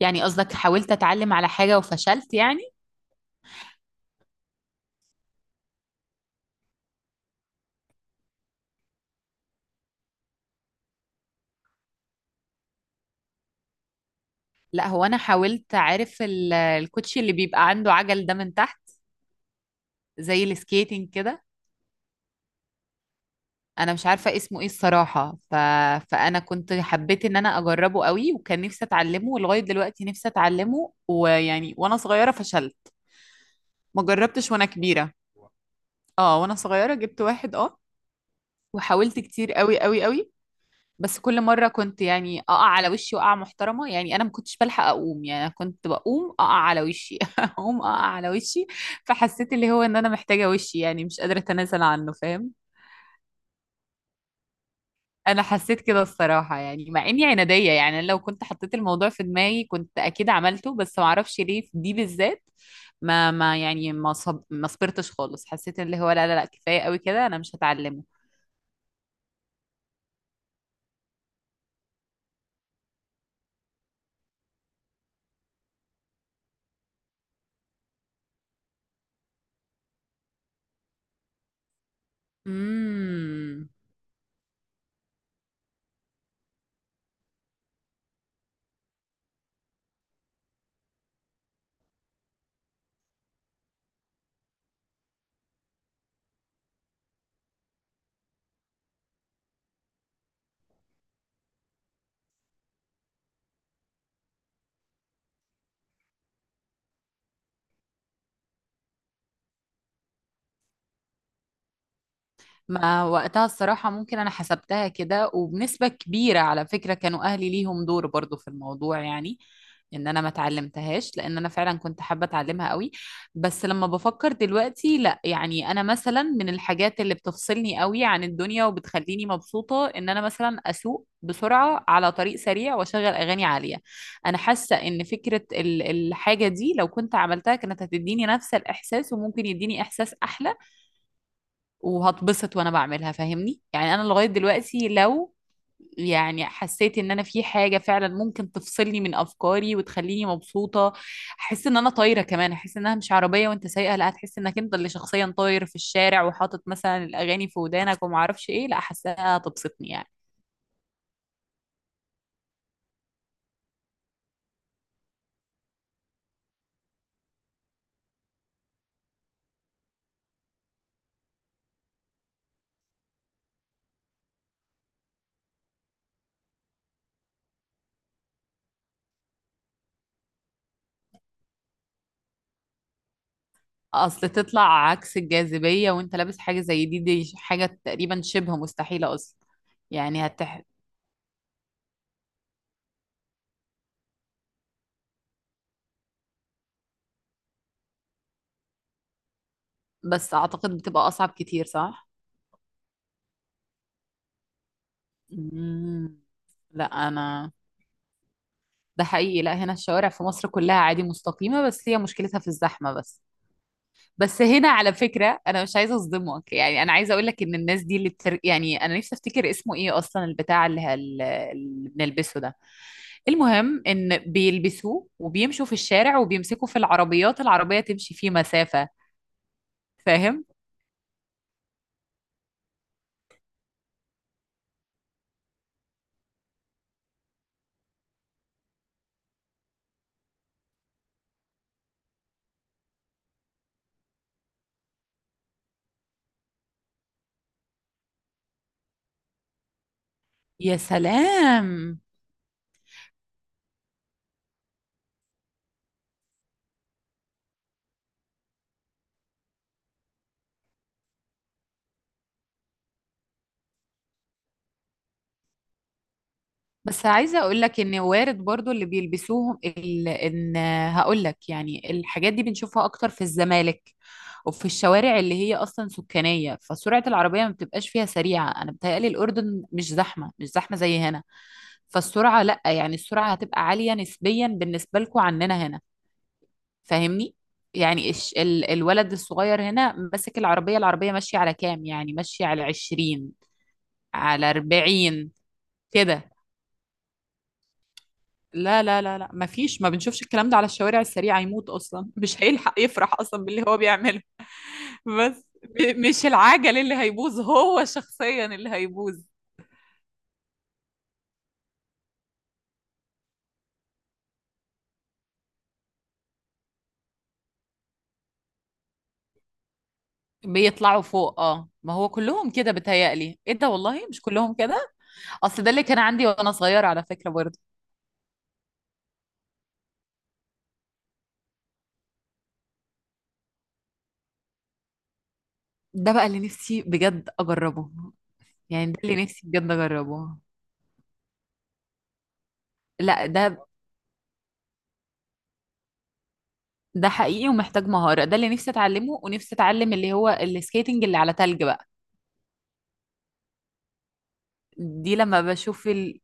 يعني قصدك حاولت اتعلم على حاجة وفشلت يعني. لا هو انا حاولت، عارف الكوتشي اللي بيبقى عنده عجل ده من تحت، زي السكيتنج كده. انا مش عارفة اسمه ايه الصراحة فانا كنت حبيت ان انا اجربه قوي، وكان نفسي اتعلمه ولغاية دلوقتي نفسي اتعلمه، ويعني وانا صغيرة فشلت، ما جربتش وانا كبيرة. اه وانا صغيرة جبت واحد، اه، وحاولت كتير قوي قوي قوي. بس كل مرة كنت يعني أقع على وشي وقعة محترمة، يعني أنا ما كنتش بلحق أقوم، يعني أنا كنت بقوم أقع على وشي أقوم أقع على وشي. فحسيت اللي هو إن أنا محتاجة وشي، يعني مش قادرة أتنازل عنه، فاهم؟ أنا حسيت كده الصراحة، يعني مع إني عنادية، يعني أنا لو كنت حطيت الموضوع في دماغي كنت أكيد عملته، بس ما أعرفش ليه في دي بالذات ما ما يعني ما صب... ما صبرتش خالص، حسيت اللي هو لا لا لا، كفاية قوي كده، أنا مش هتعلمه. امم ما وقتها الصراحة ممكن أنا حسبتها كده، وبنسبة كبيرة على فكرة كانوا أهلي ليهم دور برضو في الموضوع، يعني إن أنا ما اتعلمتهاش، لأن أنا فعلا كنت حابة أتعلمها قوي. بس لما بفكر دلوقتي لا، يعني أنا مثلا من الحاجات اللي بتفصلني قوي عن الدنيا وبتخليني مبسوطة إن أنا مثلا أسوق بسرعة على طريق سريع وأشغل أغاني عالية. أنا حاسة إن فكرة الحاجة دي لو كنت عملتها كانت هتديني نفس الإحساس، وممكن يديني إحساس أحلى، وهتبسط وانا بعملها، فاهمني؟ يعني انا لغاية دلوقتي لو يعني حسيت ان انا في حاجة فعلا ممكن تفصلني من افكاري وتخليني مبسوطة، احس ان انا طايرة، كمان احس انها مش عربية وانت سايقة، لا هتحس انك انت اللي شخصيا طاير في الشارع وحاطط مثلا الاغاني في ودانك وما اعرفش ايه، لا احسها هتبسطني يعني. اصل تطلع عكس الجاذبية وانت لابس حاجة زي دي، دي حاجة تقريبا شبه مستحيلة اصلا. يعني هتح... بس اعتقد بتبقى اصعب كتير، صح؟ مم. لا انا، ده حقيقي، لا هنا الشوارع في مصر كلها عادي مستقيمة، بس هي مشكلتها في الزحمة بس. بس هنا على فكرة أنا مش عايزة أصدمك، يعني أنا عايزة أقول لك إن الناس دي يعني أنا نفسي أفتكر اسمه إيه أصلا البتاع اللي بنلبسه ده، المهم إن بيلبسوه وبيمشوا في الشارع وبيمسكوا في العربيات، العربية تمشي فيه مسافة، فاهم؟ يا سلام. بس عايزة اقول لك ان وارد برضو اللي بيلبسوهم ان، هقول لك يعني الحاجات دي بنشوفها اكتر في الزمالك وفي الشوارع اللي هي اصلا سكانية، فسرعة العربية ما بتبقاش فيها سريعة، انا بتهيألي الاردن مش زحمة مش زحمة زي هنا، فالسرعة لا يعني السرعة هتبقى عالية نسبيا بالنسبة لكم عننا هنا، فاهمني؟ يعني الولد الصغير هنا ماسك العربية، العربية ماشية على كام؟ يعني ماشية على 20، على 40 كده. لا لا لا لا، ما فيش، ما بنشوفش الكلام ده على الشوارع السريعة، يموت أصلا مش هيلحق يفرح أصلا باللي هو بيعمله. مش العجل اللي هيبوظ، هو شخصيا اللي هيبوظ، بيطلعوا فوق. اه ما هو كلهم كده، بيتهيألي ايه ده، والله مش كلهم كده، اصل ده اللي كان عندي وانا صغيرة على فكرة برضه. ده بقى اللي نفسي بجد اجربه، يعني ده اللي نفسي بجد اجربه. لا ده، ده حقيقي ومحتاج مهارة، ده اللي نفسي اتعلمه، ونفسي اتعلم اللي هو السكيتنج اللي على تلج بقى. دي لما بشوف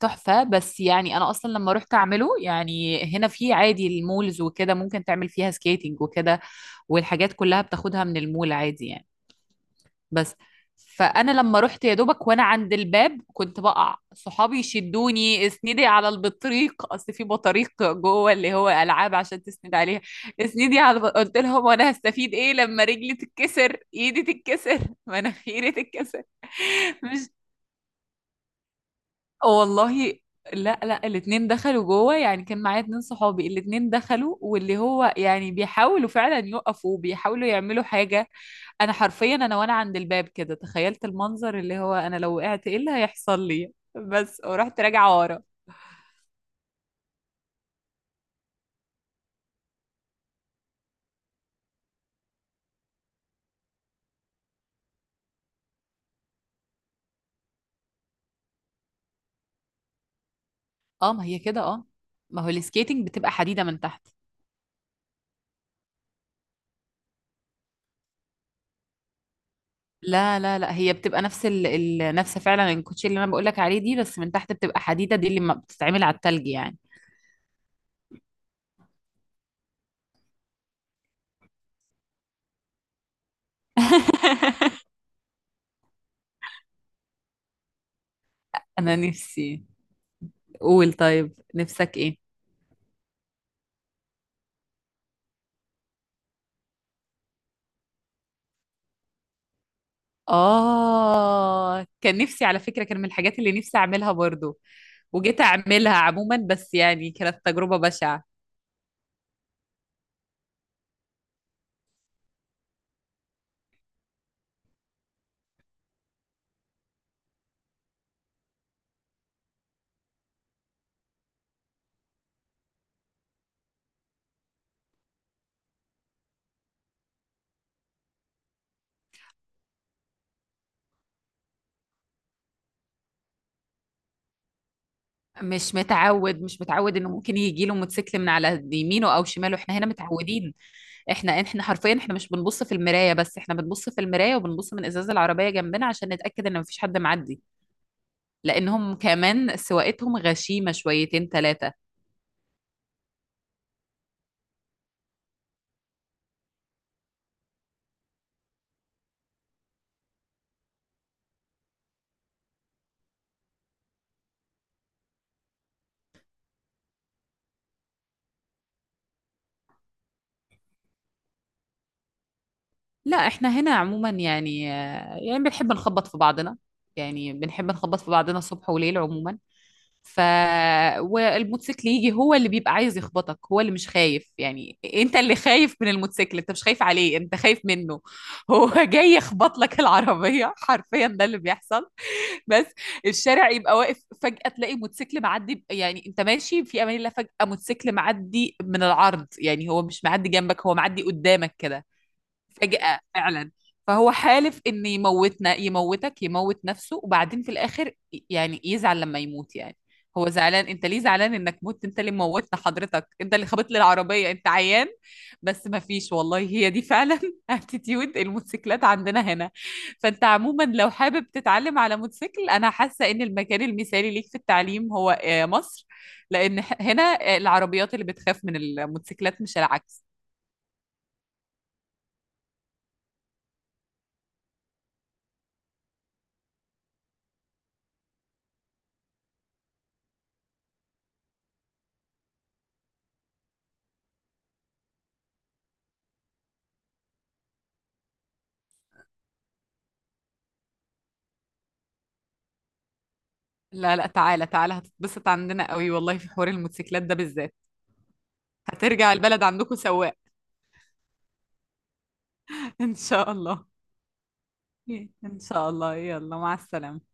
تحفة. بس يعني أنا أصلا لما رحت أعمله، يعني هنا في عادي المولز وكده ممكن تعمل فيها سكيتنج وكده، والحاجات كلها بتاخدها من المول عادي يعني. بس فأنا لما رحت يا دوبك وأنا عند الباب كنت بقع، صحابي يشدوني اسندي على البطريق، أصل في بطريق جوه، اللي هو ألعاب عشان تسند عليها. قلت لهم وأنا هستفيد إيه لما رجلي تتكسر، إيدي تتكسر، مناخيري تتكسر. مش، آه، والله. لا لا، الاتنين دخلوا جوه، يعني كان معايا اتنين صحابي، الاتنين دخلوا، واللي هو يعني بيحاولوا فعلا يقفوا، بيحاولوا يعملوا حاجة. انا حرفيا انا وانا عند الباب كده تخيلت المنظر اللي هو انا لو وقعت ايه اللي هيحصل لي، بس ورحت راجعة ورا. اه ما هي كده، اه، ما هو السكيتنج بتبقى حديدة من تحت. لا هي بتبقى نفس نفس فعلا الكوتشي اللي انا بقولك عليه دي، بس من تحت بتبقى حديدة، دي اللي ما بتتعمل على التلج يعني. انا نفسي، قول طيب نفسك ايه. اه كان نفسي على فكرة، كان من الحاجات اللي نفسي اعملها برضو، وجيت اعملها عموما، بس يعني كانت تجربة بشعة. مش متعود، مش متعود انه ممكن يجي له موتوسيكل من على يمينه او شماله، احنا هنا متعودين. احنا حرفيا احنا مش بنبص في المراية بس، احنا بنبص في المراية وبنبص من ازاز العربية جنبنا عشان نتأكد ان مفيش حد معدي، لانهم كمان سواقتهم غشيمة شويتين ثلاثة. لا احنا هنا عموما يعني، يعني بنحب نخبط في بعضنا، يعني بنحب نخبط في بعضنا صبح وليل عموما. ف والموتوسيكل يجي هو اللي بيبقى عايز يخبطك، هو اللي مش خايف، يعني انت اللي خايف من الموتوسيكل، انت مش خايف عليه، انت خايف منه. هو جاي يخبط لك العربية، حرفيا ده اللي بيحصل. بس الشارع يبقى واقف فجأة تلاقي موتوسيكل معدي، يعني انت ماشي في امان الله فجأة موتوسيكل معدي من العرض، يعني هو مش معدي جنبك، هو معدي قدامك كده فجأة فعلا. فهو حالف ان يموتنا، يموتك يموت نفسه، وبعدين في الاخر يعني يزعل لما يموت، يعني هو زعلان، انت ليه زعلان انك مت، انت اللي موتنا حضرتك، انت اللي خبطت لي العربية، انت عيان. بس ما فيش والله، هي دي فعلا اتيتيود الموتوسيكلات عندنا هنا. فانت عموما لو حابب تتعلم على موتوسيكل، انا حاسة ان المكان المثالي ليك في التعليم هو مصر، لان هنا العربيات اللي بتخاف من الموتوسيكلات مش العكس. لا لا، تعالى تعالى، هتتبسط عندنا قوي والله في حوار الموتوسيكلات ده بالذات، هترجع البلد عندكم سواق. ان شاء الله. ان شاء الله، يلا مع السلامة.